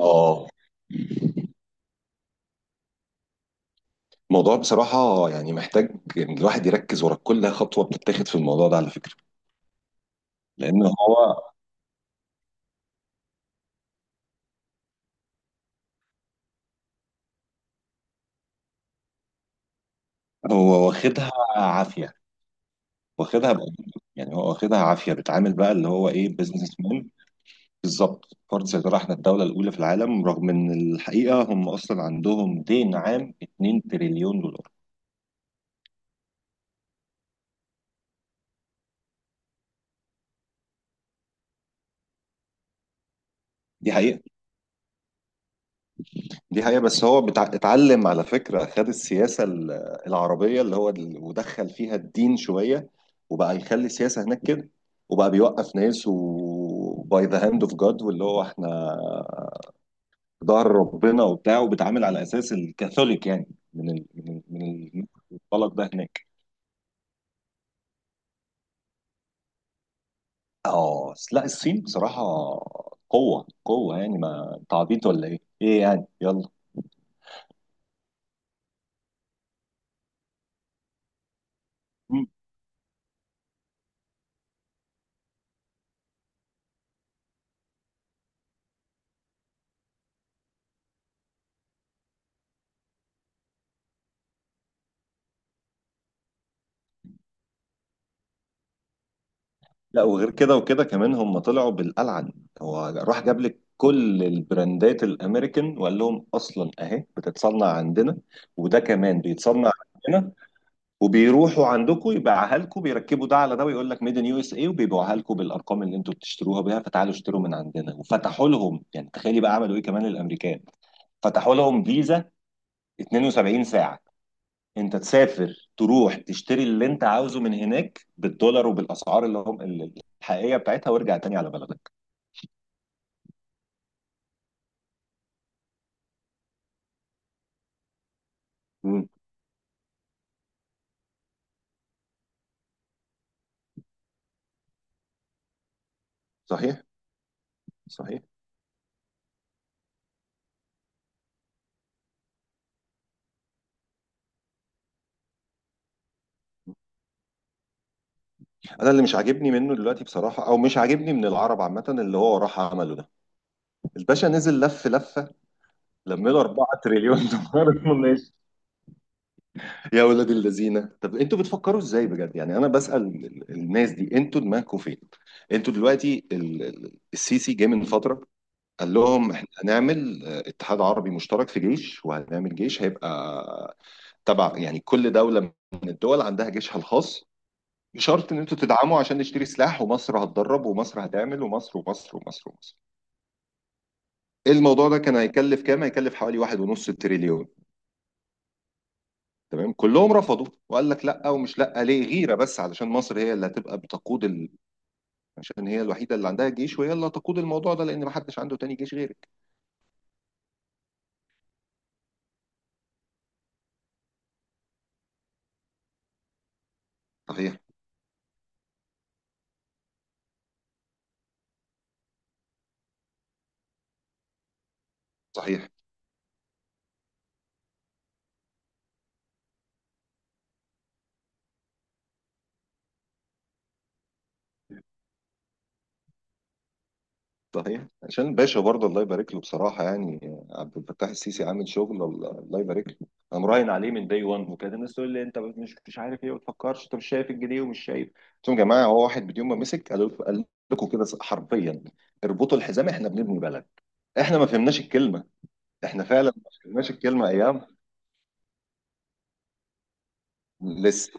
اه. الموضوع بصراحة يعني محتاج إن الواحد يركز ورا كل خطوة بتتاخد في الموضوع ده، على فكرة. لأن هو واخدها عافية، واخدها بقى. يعني هو واخدها عافية، بيتعامل بقى اللي هو إيه، بزنس مان. بالظبط، فرض سيطرة. إحنا الدولة الأولى في العالم، رغم إن الحقيقة هم أصلا عندهم دين عام 2 تريليون دولار. دي حقيقة. دي حقيقة، بس هو اتعلم على فكرة، خد السياسة العربية، ودخل فيها الدين شوية، وبقى يخلي السياسة هناك كده، وبقى بيوقف ناس وباي ذا هاند اوف جاد، واللي هو احنا في ظهر ربنا وبتاع، وبيتعامل على اساس الكاثوليك يعني. من ال... من الطلق ده هناك. اه، لا الصين بصراحة قوة قوة. يعني ما انت عبيط ولا ايه؟ ايه يعني، يلا. لا، وغير كده وكده كمان، هم طلعوا بالألعن. هو راح جاب لك كل البراندات الامريكان وقال لهم اصلا اهي بتتصنع عندنا، وده كمان بيتصنع عندنا، وبيروحوا عندكم يبيعها لكم، بيركبوا ده على ده ويقول لك ميد ان يو اس اي، وبيبيعوها لكم بالارقام اللي انتوا بتشتروها بيها، فتعالوا اشتروا من عندنا. وفتحوا لهم يعني، تخيلي بقى عملوا ايه كمان الامريكان، فتحوا لهم فيزا 72 ساعه. انت تسافر تروح تشتري اللي انت عاوزه من هناك بالدولار، وبالاسعار اللي هم الحقيقيه بتاعتها، وارجع تاني على بلدك. امم صحيح. صحيح. انا اللي مش عاجبني منه دلوقتي بصراحه، او مش عاجبني من العرب عامه، اللي هو راح عمله ده. الباشا نزل لف لفه، لم له 4 تريليون دولار ماشي. يا ولاد الذين، طب انتوا بتفكروا ازاي بجد؟ يعني انا بسال الناس دي، انتوا دماغكم فين؟ انتوا دلوقتي، السيسي جه من فتره قال لهم احنا هنعمل اتحاد عربي مشترك في جيش، وهنعمل جيش هيبقى تبع، يعني كل دولة من الدول عندها جيشها الخاص، بشرط ان انتوا تدعموا عشان نشتري سلاح، ومصر هتدرب، ومصر هتعمل، ومصر ومصر ومصر ومصر. إيه، الموضوع ده كان هيكلف كام؟ هيكلف حوالي واحد ونص تريليون. تمام، كلهم رفضوا وقال لك لا. ومش لا ليه، غيرة، بس علشان مصر هي اللي هتبقى بتقود عشان هي الوحيدة اللي عندها جيش، وهي اللي هتقود الموضوع ده، لان ما حدش عنده تاني جيش غيرك. صحيح. صحيح. صحيح، عشان الباشا برضه الله يبارك له، بصراحة يعني. عبد الفتاح السيسي عامل شغل، الله، الله يبارك له. أنا مراهن عليه من داي 1. وكانت الناس تقول لي، أنت مش عارف إيه، ما بتفكرش، أنت مش شايف الجنيه ومش شايف. قلت لهم يا جماعة، هو واحد يوم ما مسك، قال لكم كده حرفيا: اربطوا الحزام، إحنا بنبني بلد. إحنا ما فهمناش الكلمة. إحنا فعلا ما فهمناش الكلمة، أيام. لسه.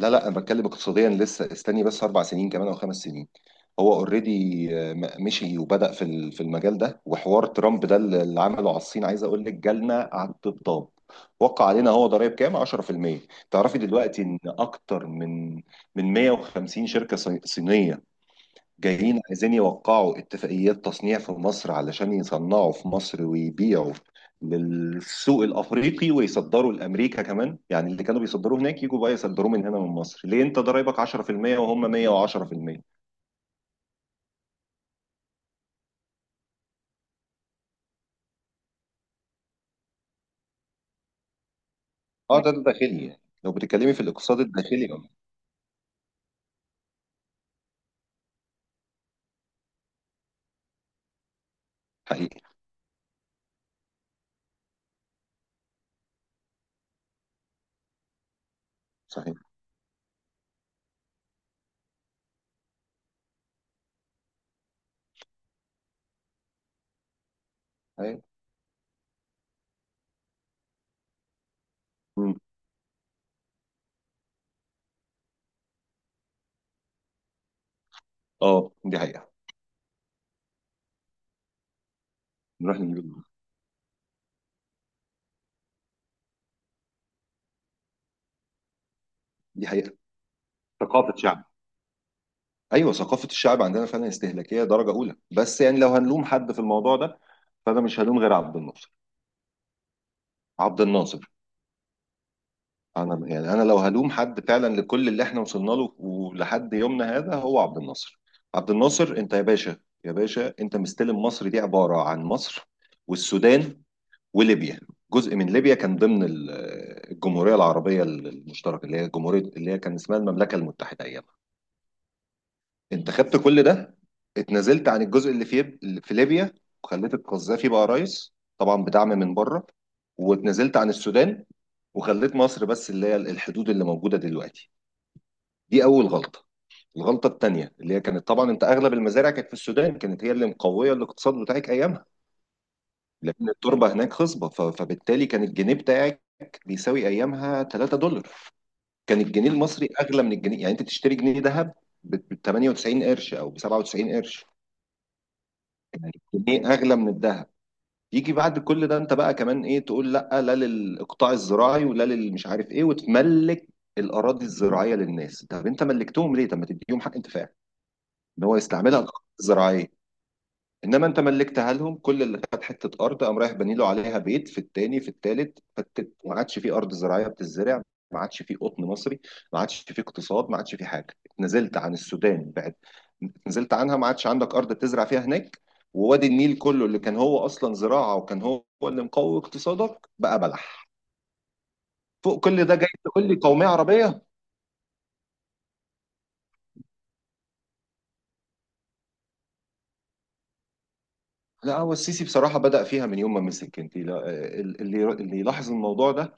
لا لا، انا بتكلم اقتصاديا. لسه، استني بس اربع سنين كمان او خمس سنين. هو اوريدي مشي وبدأ في في المجال ده. وحوار ترامب ده اللي عمله على الصين، عايز اقول لك، جالنا على الطبطاب. وقع علينا هو ضرائب كام؟ 10%. تعرفي دلوقتي ان اكتر من 150 شركة صينية جايين عايزين يوقعوا اتفاقيات تصنيع في مصر، علشان يصنعوا في مصر ويبيعوا للسوق الافريقي، ويصدروا لامريكا كمان. يعني اللي كانوا بيصدروه هناك، يجوا بقى يصدروه من هنا من مصر. ليه؟ انت ضرايبك 10% وهم 110%. اه، ده داخلي. يعني لو بتتكلمي في الاقتصاد الداخلي، اه. حقيقي. صحيح. أيوة. مم. اه، دي حقيقة. نروح نجيب. دي حقيقة، ثقافة شعب. ايوه، ثقافة الشعب عندنا فعلا استهلاكية درجة اولى. بس يعني لو هنلوم حد في الموضوع ده، فانا مش هلوم غير عبد الناصر. عبد الناصر. انا يعني، انا لو هلوم حد فعلا لكل اللي احنا وصلنا له ولحد يومنا هذا، هو عبد الناصر. عبد الناصر، انت يا باشا، يا باشا انت مستلم مصر، دي عبارة عن مصر، والسودان، وليبيا. جزء من ليبيا كان ضمن الجمهورية العربية المشتركة، اللي هي جمهورية اللي هي كان اسمها المملكة المتحدة ايامها. انت خدت كل ده، اتنازلت عن الجزء اللي في اللي في ليبيا، وخليت القذافي بقى رئيس طبعا بدعم من بره، واتنازلت عن السودان، وخليت مصر بس اللي هي الحدود اللي موجودة دلوقتي. دي اول غلطه. الغلطه الثانيه اللي هي كانت طبعا، انت اغلب المزارع كانت في السودان، كانت هي اللي مقويه الاقتصاد بتاعك ايامها، لان التربه هناك خصبه. فبالتالي كان الجنيه بتاعك بيساوي ايامها 3 دولار. كان الجنيه المصري اغلى من الجنيه، يعني انت تشتري جنيه ذهب ب 98 قرش او ب 97 قرش. يعني الجنيه اغلى من الذهب. يجي بعد كل ده انت بقى كمان ايه؟ تقول لا لا للاقطاع الزراعي، ولا للمش عارف ايه، وتملك الاراضي الزراعيه للناس. طب انت ملكتهم ليه؟ طب ما تديهم حق انتفاع ان هو يستعملها الارض الزراعيه. انما انت ملكتها لهم. كل اللي خد حته ارض قام رايح باني له عليها بيت في التاني في التالت، فتت. ما عادش في ارض زراعيه بتزرع، ما عادش في قطن مصري، ما عادش في اقتصاد، ما عادش في حاجه. اتنزلت عن السودان بعد، اتنزلت عنها، ما عادش عندك ارض تزرع فيها هناك. ووادي النيل كله اللي كان هو اصلا زراعه، وكان هو اللي مقوي اقتصادك، بقى بلح. فوق كل ده جاي تقول لي قوميه عربيه. لا، هو السيسي بصراحه بدأ فيها من يوم ما مسك. انت اللي يلاحظ الموضوع ده،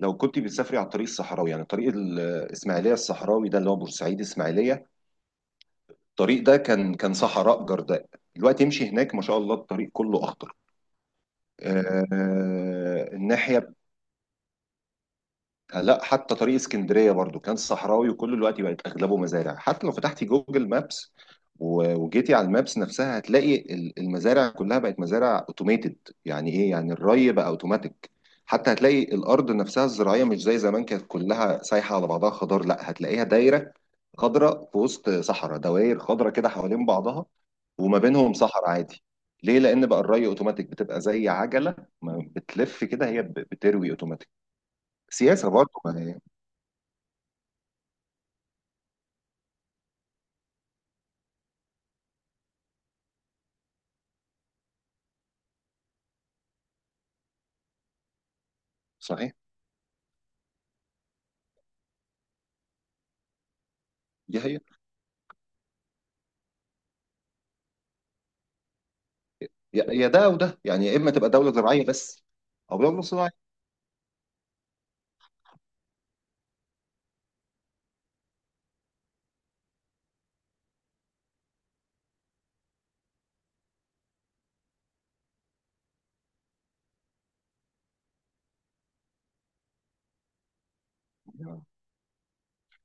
لو كنت بتسافري على الطريق الصحراوي، يعني طريق الاسماعيليه الصحراوي ده، اللي هو بورسعيد اسماعيليه، الطريق ده كان صحراء جرداء. دلوقتي امشي هناك، ما شاء الله الطريق كله اخضر. آه الناحيه. لا، حتى طريق اسكندريه برضو كان صحراوي، وكل الوقت بقت اغلبه مزارع. حتى لو فتحتي جوجل مابس، وجيتي على المابس نفسها، هتلاقي المزارع كلها بقت مزارع اوتوميتد. يعني ايه؟ يعني الري بقى اوتوماتيك. حتى هتلاقي الارض نفسها الزراعيه مش زي زمان كانت كلها سايحه على بعضها خضار، لا، هتلاقيها دايره خضراء في وسط صحراء، دوائر خضراء كده حوالين بعضها، وما بينهم صحراء عادي. ليه؟ لان بقى الري اوتوماتيك بتبقى زي عجله ما بتلف كده، هي بتروي اوتوماتيك. سياسه برضه. صحيح. دي هي. يا ده او ده، يعني يا اما تبقى دوله زراعيه بس، او دوله صناعيه.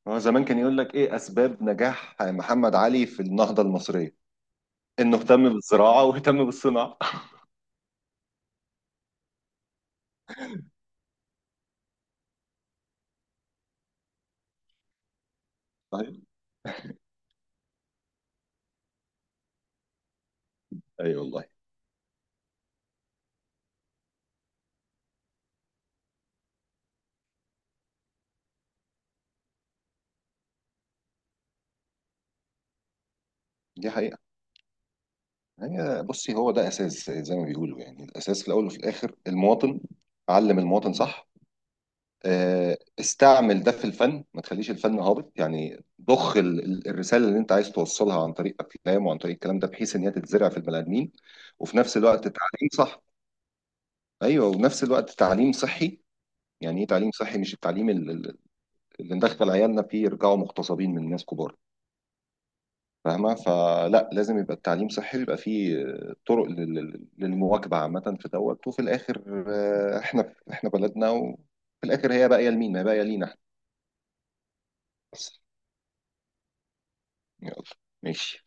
هو زمان كان يقول لك ايه اسباب نجاح محمد علي في النهضه المصريه؟ انه اهتم بالزراعه واهتم بالصناعه صحيح. اي والله. دي حقيقه. هي بصي، هو ده اساس زي ما بيقولوا يعني، الاساس في الاول وفي الاخر المواطن. علم المواطن صح. استعمل ده في الفن، ما تخليش الفن هابط، يعني ضخ الرساله اللي انت عايز توصلها عن طريق افلام وعن طريق الكلام ده، بحيث ان هي تتزرع في البني ادمين. وفي نفس الوقت تعليم صح. ايوه، وفي نفس الوقت تعليم صحي. يعني ايه تعليم صحي؟ مش التعليم اللي ندخل عيالنا فيه يرجعوا مغتصبين من ناس كبار. فاهمه؟ فلا، لازم يبقى التعليم صحي، بيبقى فيه طرق للمواكبه عامه في دوت. وفي الاخر احنا بلدنا، وفي الاخر هي باقيه لمين؟ ما هي باقيه لينا، احنا. يلا. ماشي.